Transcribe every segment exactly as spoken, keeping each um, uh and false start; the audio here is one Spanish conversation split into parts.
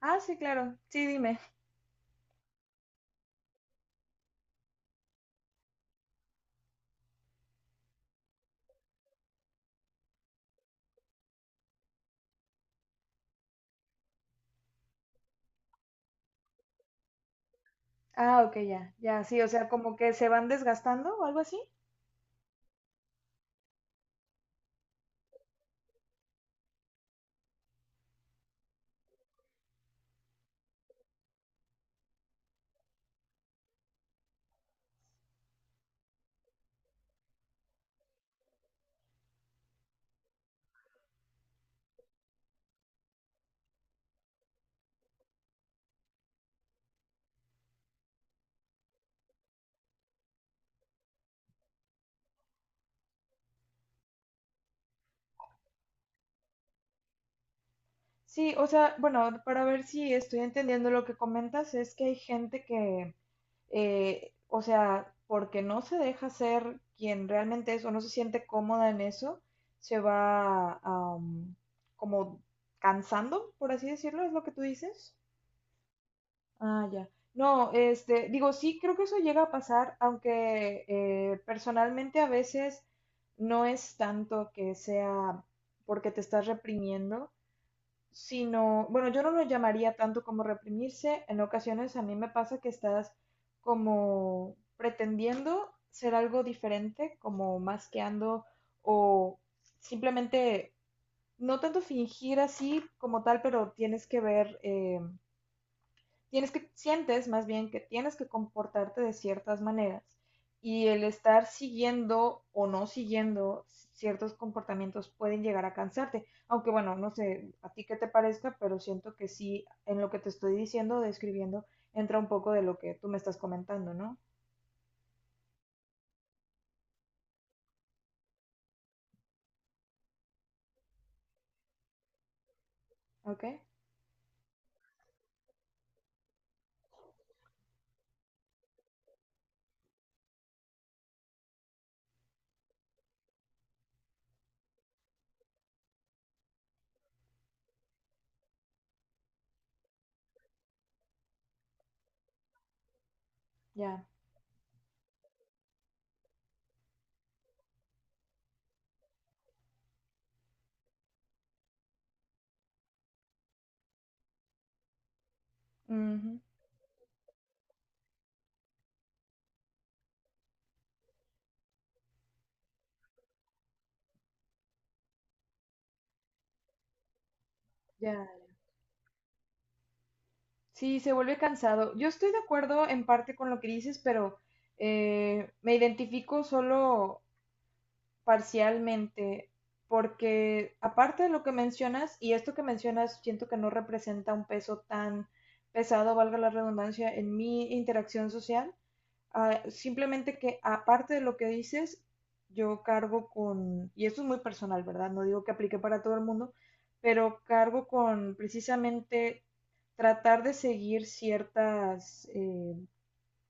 Ah, sí, claro. Sí, dime. Ah, ok, ya, ya, sí, o sea, como que se van desgastando o algo así. Sí, o sea, bueno, para ver si estoy entendiendo lo que comentas, es que hay gente que, eh, o sea, porque no se deja ser quien realmente es o no se siente cómoda en eso, se va, am, como cansando, por así decirlo, es lo que tú dices. Ah, ya. No, este, digo, sí, creo que eso llega a pasar, aunque eh, personalmente a veces no es tanto que sea porque te estás reprimiendo, sino, bueno, yo no lo llamaría tanto como reprimirse. En ocasiones a mí me pasa que estás como pretendiendo ser algo diferente, como masqueando o simplemente, no tanto fingir así como tal, pero tienes que ver eh, tienes que, sientes más bien que tienes que comportarte de ciertas maneras y el estar siguiendo o no siguiendo ciertos comportamientos pueden llegar a cansarte. Aunque bueno, no sé a ti qué te parezca, pero siento que sí, en lo que te estoy diciendo, describiendo, entra un poco de lo que tú me estás comentando, ¿no? ¿Ok? Ya. Ujú. Ya. Sí, se vuelve cansado. Yo estoy de acuerdo en parte con lo que dices, pero eh, me identifico solo parcialmente, porque aparte de lo que mencionas, y esto que mencionas siento que no representa un peso tan pesado, valga la redundancia, en mi interacción social, ah, simplemente que aparte de lo que dices, yo cargo con, y esto es muy personal, ¿verdad? No digo que aplique para todo el mundo, pero cargo con precisamente tratar de seguir ciertas eh,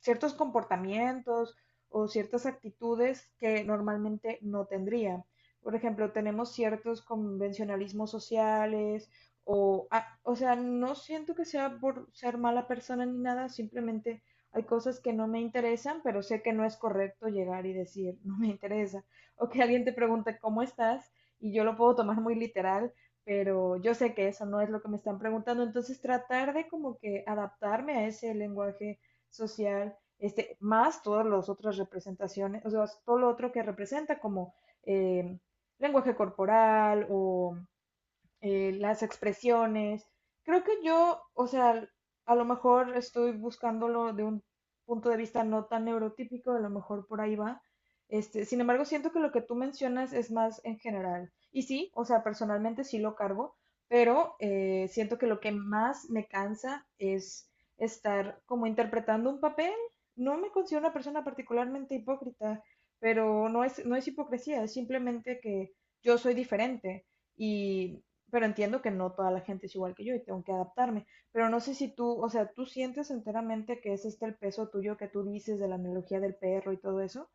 ciertos comportamientos o ciertas actitudes que normalmente no tendría. Por ejemplo, tenemos ciertos convencionalismos sociales o, ah, o sea, no siento que sea por ser mala persona ni nada, simplemente hay cosas que no me interesan, pero sé que no es correcto llegar y decir, no me interesa. O que alguien te pregunte, ¿cómo estás? Y yo lo puedo tomar muy literal, pero yo sé que eso no es lo que me están preguntando. Entonces, tratar de como que adaptarme a ese lenguaje social, este, más todas las otras representaciones, o sea, todo lo otro que representa como eh, lenguaje corporal o eh, las expresiones. Creo que yo, o sea, a lo mejor estoy buscándolo de un punto de vista no tan neurotípico, a lo mejor por ahí va. Este, sin embargo, siento que lo que tú mencionas es más en general. Y sí, o sea, personalmente sí lo cargo, pero eh, siento que lo que más me cansa es estar como interpretando un papel. No me considero una persona particularmente hipócrita, pero no es, no es hipocresía, es simplemente que yo soy diferente y pero entiendo que no toda la gente es igual que yo y tengo que adaptarme. Pero no sé si tú, o sea, tú sientes enteramente que es este el peso tuyo que tú dices de la analogía del perro y todo eso,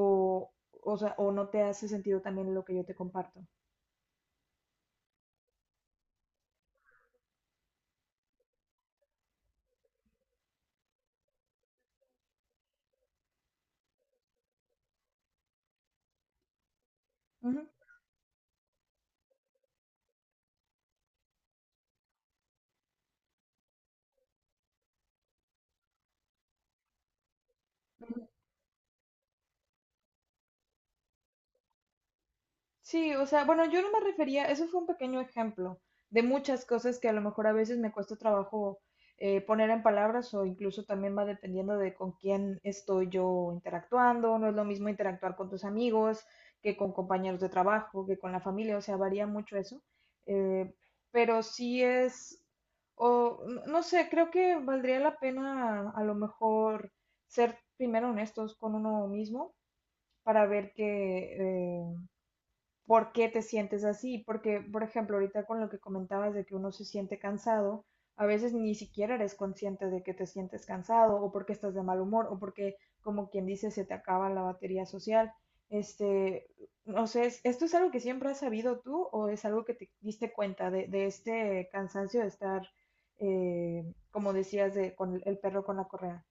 o, o sea, o no te hace sentido también lo que yo te comparto. Ujú. Sí, o sea, bueno, yo no me refería, eso fue un pequeño ejemplo de muchas cosas que a lo mejor a veces me cuesta trabajo eh, poner en palabras o incluso también va dependiendo de con quién estoy yo interactuando, no es lo mismo interactuar con tus amigos que con compañeros de trabajo, que con la familia, o sea, varía mucho eso, eh, pero sí es, o n- no sé, creo que valdría la pena a lo mejor ser primero honestos con uno mismo para ver que eh, por qué te sientes así, porque, por ejemplo, ahorita con lo que comentabas de que uno se siente cansado, a veces ni siquiera eres consciente de que te sientes cansado o porque estás de mal humor o porque, como quien dice, se te acaba la batería social. Este, no sé, es- ¿esto es algo que siempre has sabido tú o es algo que te diste cuenta de, de este cansancio de estar, eh, como decías, de, con el perro con la correa?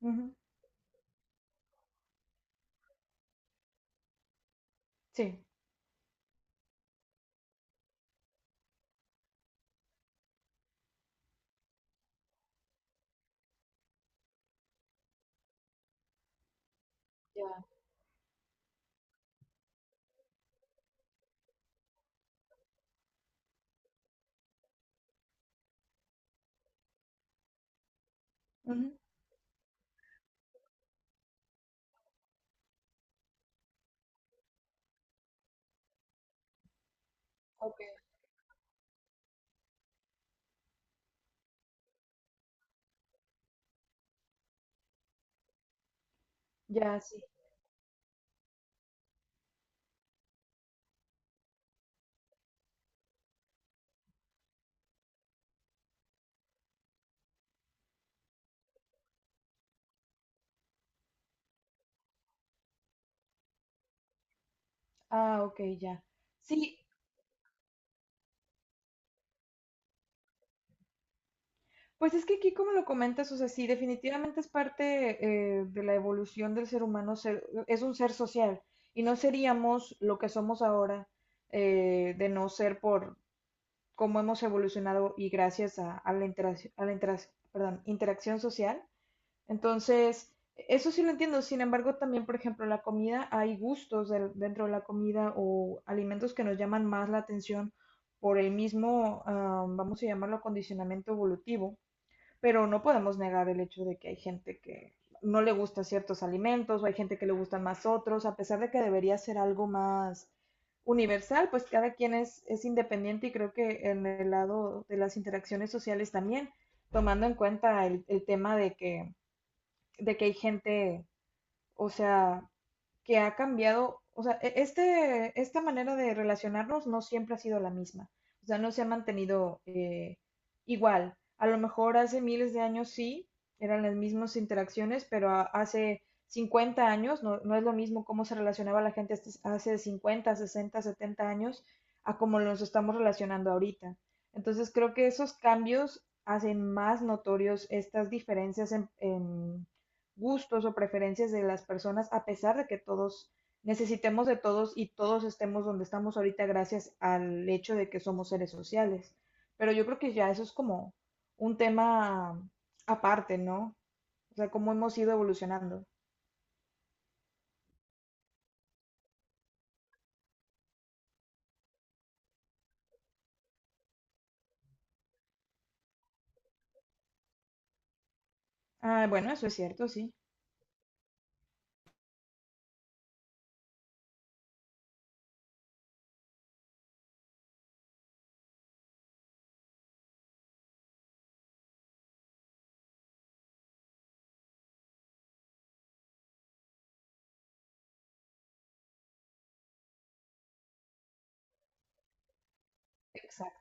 Ujú. Sí. Ya, ujú. Ok. Ya, sí. Ah, ok, ya. Sí, pues es que aquí, como lo comentas, o sea, sí, definitivamente es parte eh, de la evolución del ser humano, ser- es un ser social y no seríamos lo que somos ahora eh, de no ser por cómo hemos evolucionado y gracias a, a la, interac- a la interac- perdón, interacción social. Entonces, eso sí lo entiendo. Sin embargo, también, por ejemplo, la comida, hay gustos del- dentro de la comida o alimentos que nos llaman más la atención por el mismo, ah, vamos a llamarlo, acondicionamiento evolutivo pero no podemos negar el hecho de que hay gente que no le gusta ciertos alimentos o hay gente que le gustan más otros, a pesar de que debería ser algo más universal, pues cada quien es, es independiente y creo que en el lado de las interacciones sociales también, tomando en cuenta el, el tema de que, de que hay gente, o sea, que ha cambiado, o sea, e, este, esta manera de relacionarnos no siempre ha sido la misma, o sea, no se ha mantenido eh, igual. A lo mejor hace miles de años sí, eran las mismas interacciones, pero a- hace cincuenta años no, no es lo mismo cómo se relacionaba la gente hace hace cincuenta, sesenta, setenta años a cómo nos estamos relacionando ahorita. Entonces creo que esos cambios hacen más notorios estas diferencias en, en gustos o preferencias de las personas, a pesar de que todos necesitemos de todos y todos estemos donde estamos ahorita gracias al hecho de que somos seres sociales. Pero yo creo que ya eso es como un tema aparte, ¿no? O sea, cómo hemos ido evolucionando. Ah, bueno, eso es cierto, sí. Exacto.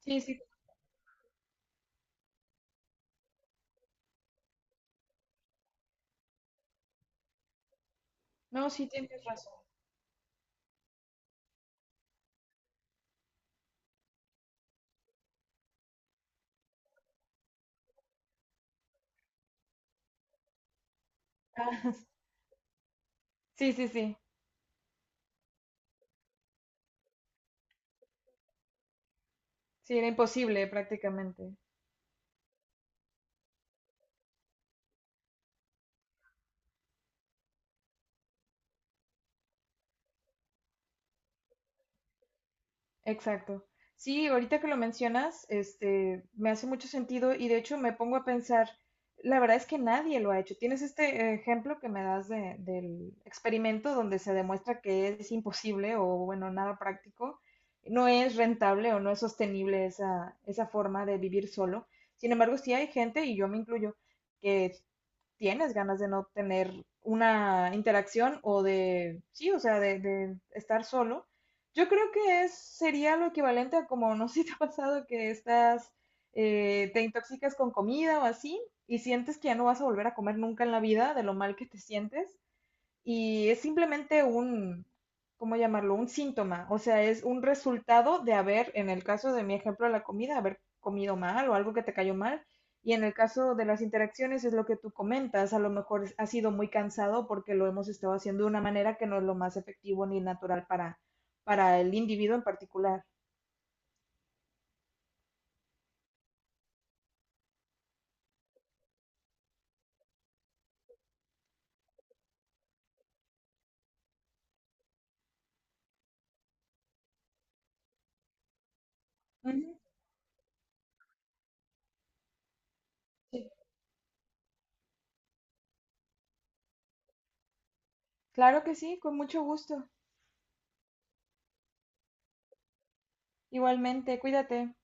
Sí, sí. No, sí tienes razón. Ah, sí, sí, sí. Sí, era imposible prácticamente. Exacto. Sí, ahorita que lo mencionas, este, me hace mucho sentido y de hecho me pongo a pensar, la verdad es que nadie lo ha hecho. Tienes este ejemplo que me das de- del experimento donde se demuestra que es imposible o bueno, nada práctico, no es rentable o no es sostenible esa, esa forma de vivir solo. Sin embargo, sí hay gente, y yo me incluyo, que tienes ganas de no tener una interacción o de, sí, o sea, de, de estar solo. Yo creo que es, sería lo equivalente a como, no sé si te ha pasado que estás, eh, te intoxicas con comida o así y sientes que ya no vas a volver a comer nunca en la vida de lo mal que te sientes y es simplemente un, ¿cómo llamarlo? Un síntoma, o sea, es un resultado de haber, en el caso de mi ejemplo de la comida, haber comido mal o algo que te cayó mal. Y en el caso de las interacciones es lo que tú comentas, a lo mejor ha sido muy cansado porque lo hemos estado haciendo de una manera que no es lo más efectivo ni natural para, para el individuo en particular. Ujú, sí. Claro que sí, con mucho gusto. Igualmente, cuídate.